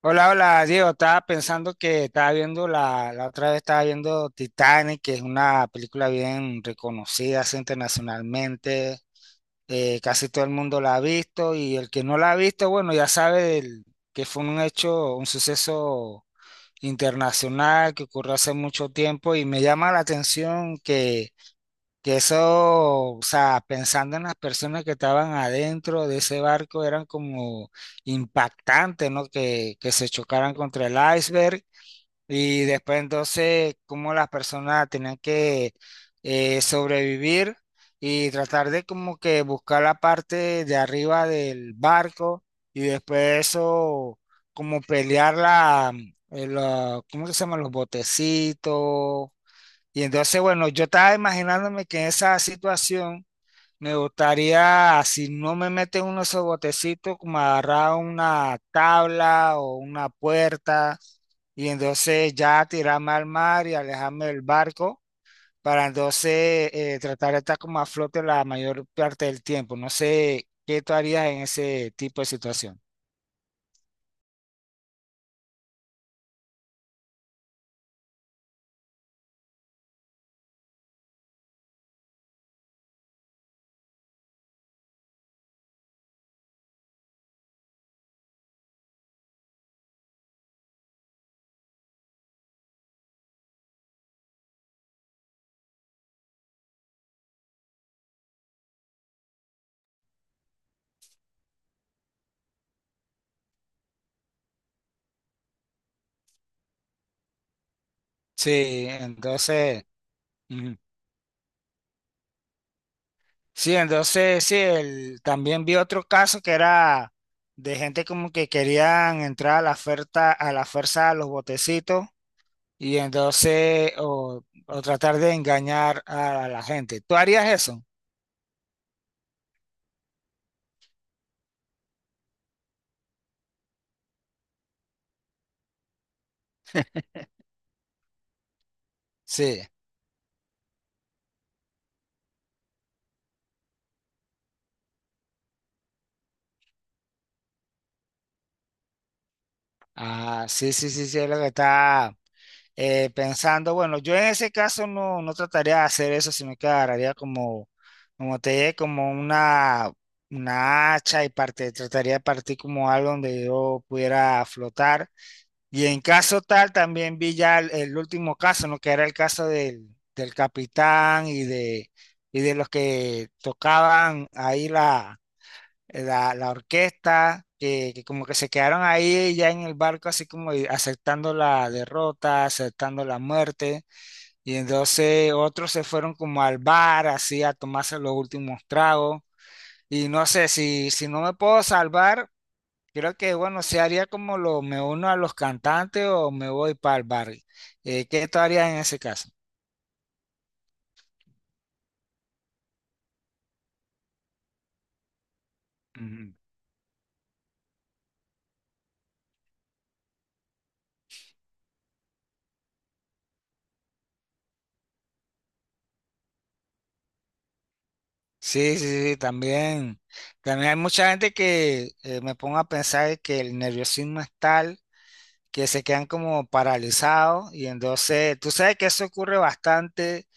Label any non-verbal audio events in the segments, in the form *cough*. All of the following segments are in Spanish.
Hola, hola, Diego. Estaba pensando que estaba viendo la otra vez, estaba viendo Titanic, que es una película bien reconocida así internacionalmente. Casi todo el mundo la ha visto y el que no la ha visto, bueno, ya sabe que fue un hecho, un suceso internacional que ocurrió hace mucho tiempo. Y me llama la atención que eso, o sea, pensando en las personas que estaban adentro de ese barco, eran como impactantes, ¿no? Que se chocaran contra el iceberg y después entonces cómo las personas tenían que sobrevivir y tratar de como que buscar la parte de arriba del barco. Y después eso, como pelear ¿cómo que se llama? Los botecitos. Y entonces, bueno, yo estaba imaginándome que en esa situación me gustaría, si no me meten uno de esos botecitos, como agarrar una tabla o una puerta, y entonces ya tirarme al mar y alejarme del barco para entonces tratar de estar como a flote la mayor parte del tiempo. No sé qué tú harías en ese tipo de situación. Sí, entonces. Sí, entonces sí, también vi otro caso que era de gente como que querían entrar a la oferta, a la fuerza a los botecitos, y entonces o tratar de engañar a la gente. ¿Tú harías eso? Sí. Ah, sí, sí, sí, sí, es lo que está pensando. Bueno, yo en ese caso no, no trataría de hacer eso, sino que agarraría como, como te dije, como una hacha, y parte, trataría de partir como algo donde yo pudiera flotar. Y en caso tal, también vi ya el último caso, ¿no? Que era el caso del capitán y de los que tocaban ahí la orquesta, que como que se quedaron ahí ya en el barco, así como y aceptando la derrota, aceptando la muerte. Y entonces otros se fueron como al bar, así a tomarse los últimos tragos. Y no sé, si no me puedo salvar, creo que, bueno, se haría como lo me uno a los cantantes o me voy para el barrio. ¿Qué tú harías en ese caso? Ujú. Sí, sí, sí, también. También hay mucha gente que me pongo a pensar que el nerviosismo es tal que se quedan como paralizados. Y entonces, tú sabes que eso ocurre bastante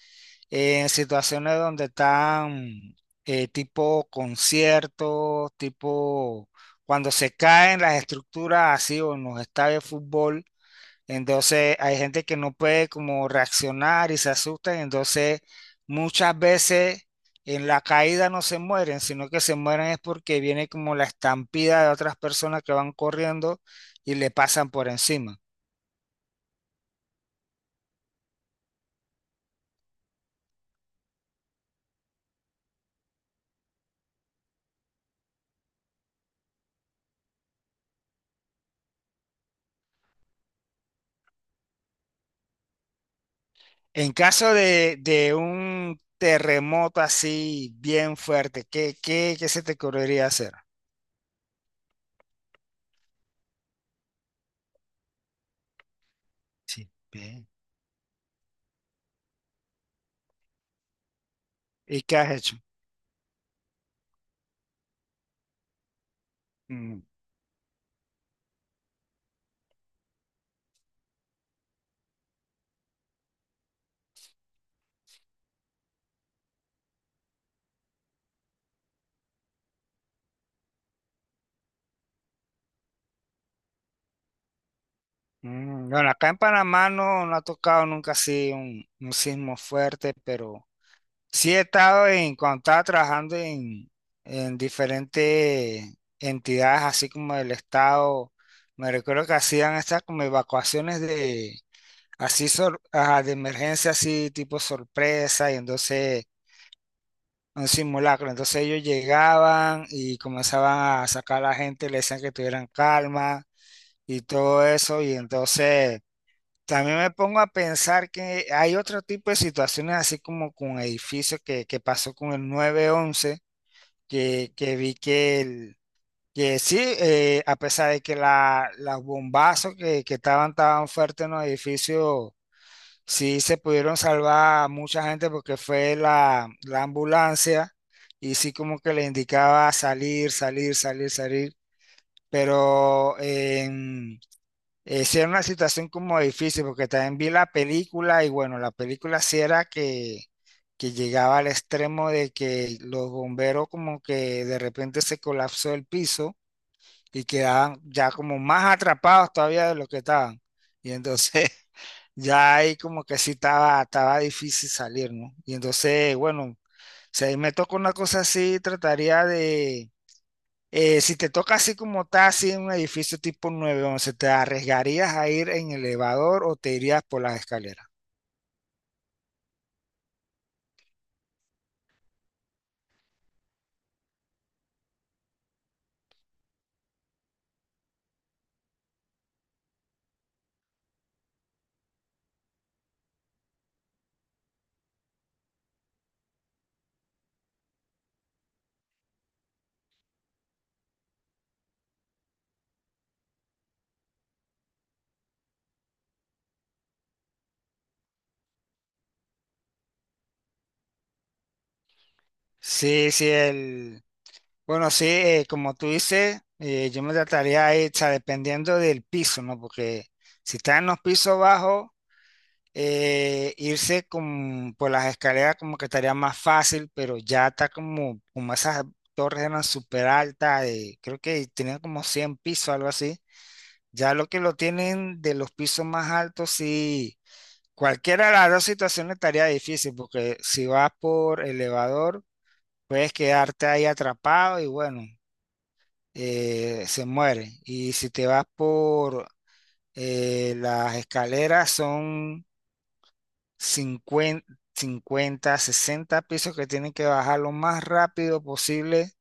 en situaciones donde están tipo conciertos, tipo cuando se caen las estructuras así, o en los estadios de fútbol. Entonces hay gente que no puede como reaccionar y se asustan. Entonces muchas veces en la caída no se mueren, sino que se mueren es porque viene como la estampida de otras personas que van corriendo y le pasan por encima. En caso de un terremoto así bien fuerte, ¿qué se te ocurriría hacer? Sí, bien. ¿Y qué has hecho? Mm, Bueno, acá en Panamá no, no ha tocado nunca así un sismo fuerte, pero. Sí he estado en, cuando estaba trabajando en diferentes entidades, así como el Estado, me recuerdo que hacían estas como evacuaciones ajá, de emergencia, así tipo sorpresa, y entonces un simulacro. Entonces ellos llegaban y comenzaban a sacar a la gente, le decían que tuvieran calma y todo eso, y entonces. También me pongo a pensar que hay otro tipo de situaciones, así como con edificios que pasó con el 911, que vi que sí, a pesar de que los bombazos que estaban tan fuertes en los edificios, sí se pudieron salvar a mucha gente, porque fue la ambulancia y sí como que le indicaba salir, salir, salir, salir. Pero, sí era una situación como difícil, porque también vi la película y bueno, la película sí era que llegaba al extremo de que los bomberos como que de repente se colapsó el piso y quedaban ya como más atrapados todavía de lo que estaban. Y entonces *laughs* ya ahí como que sí estaba difícil salir, ¿no? Y entonces, bueno, si ahí me toca una cosa así, trataría de. Si te toca así como está, así en un edificio tipo 911, ¿te arriesgarías a ir en elevador o te irías por las escaleras? Sí, sí, bueno, sí, como tú dices, yo me trataría de ir, o sea, dependiendo del piso, ¿no? Porque si está en los pisos bajos, irse con, por las escaleras como que estaría más fácil. Pero ya está como, esas torres eran súper altas, creo que tenían como 100 pisos, algo así. Ya lo que lo tienen de los pisos más altos, sí. Cualquiera de las dos situaciones estaría difícil, porque si vas por elevador, puedes quedarte ahí atrapado y bueno, se muere. Y si te vas por las escaleras, son 50, 50, 60 pisos que tienen que bajar lo más rápido posible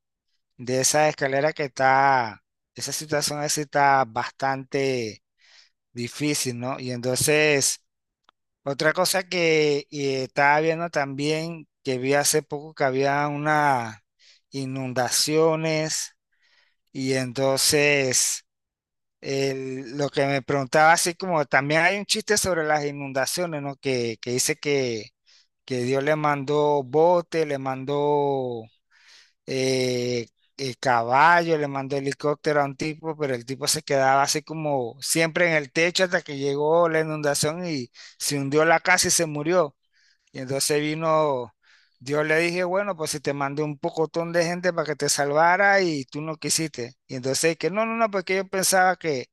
de esa escalera que está, esa situación así está bastante difícil, ¿no? Y entonces. Otra cosa que estaba viendo también, que vi hace poco que había unas inundaciones, y entonces lo que me preguntaba, así como también hay un chiste sobre las inundaciones, ¿no? Que dice que Dios le mandó bote, le mandó eh, caballo, le mandó helicóptero a un tipo, pero el tipo se quedaba así como siempre en el techo hasta que llegó la inundación y se hundió la casa y se murió. Y entonces vino, Dios le dije, bueno, pues si te mandé un pocotón de gente para que te salvara y tú no quisiste. Y entonces que no, no, no, porque yo pensaba que,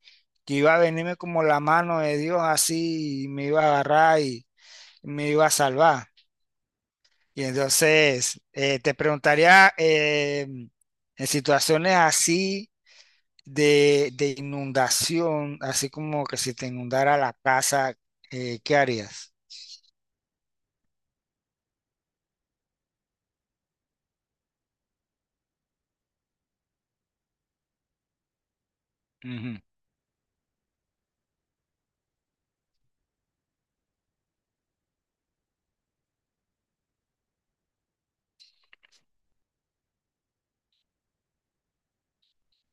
que iba a venirme como la mano de Dios así y me iba a agarrar y me iba a salvar. Y entonces te preguntaría, en situaciones así de inundación, así como que si te inundara la casa, ¿qué harías? Ujú,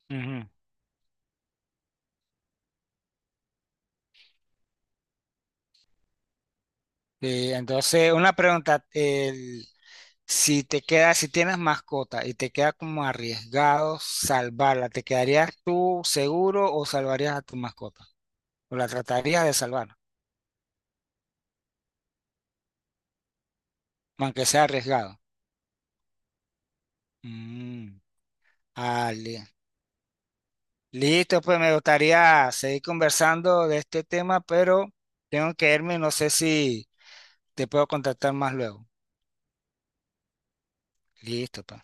ujú. Sí, entonces, una pregunta, si te queda, si tienes mascota y te queda como arriesgado salvarla, ¿te quedarías tú seguro o salvarías a tu mascota? ¿O la tratarías de salvar, aunque sea arriesgado? Mm, ah, listo, pues me gustaría seguir conversando de este tema, pero tengo que irme. No sé si te puedo contactar más luego. Listo, pues.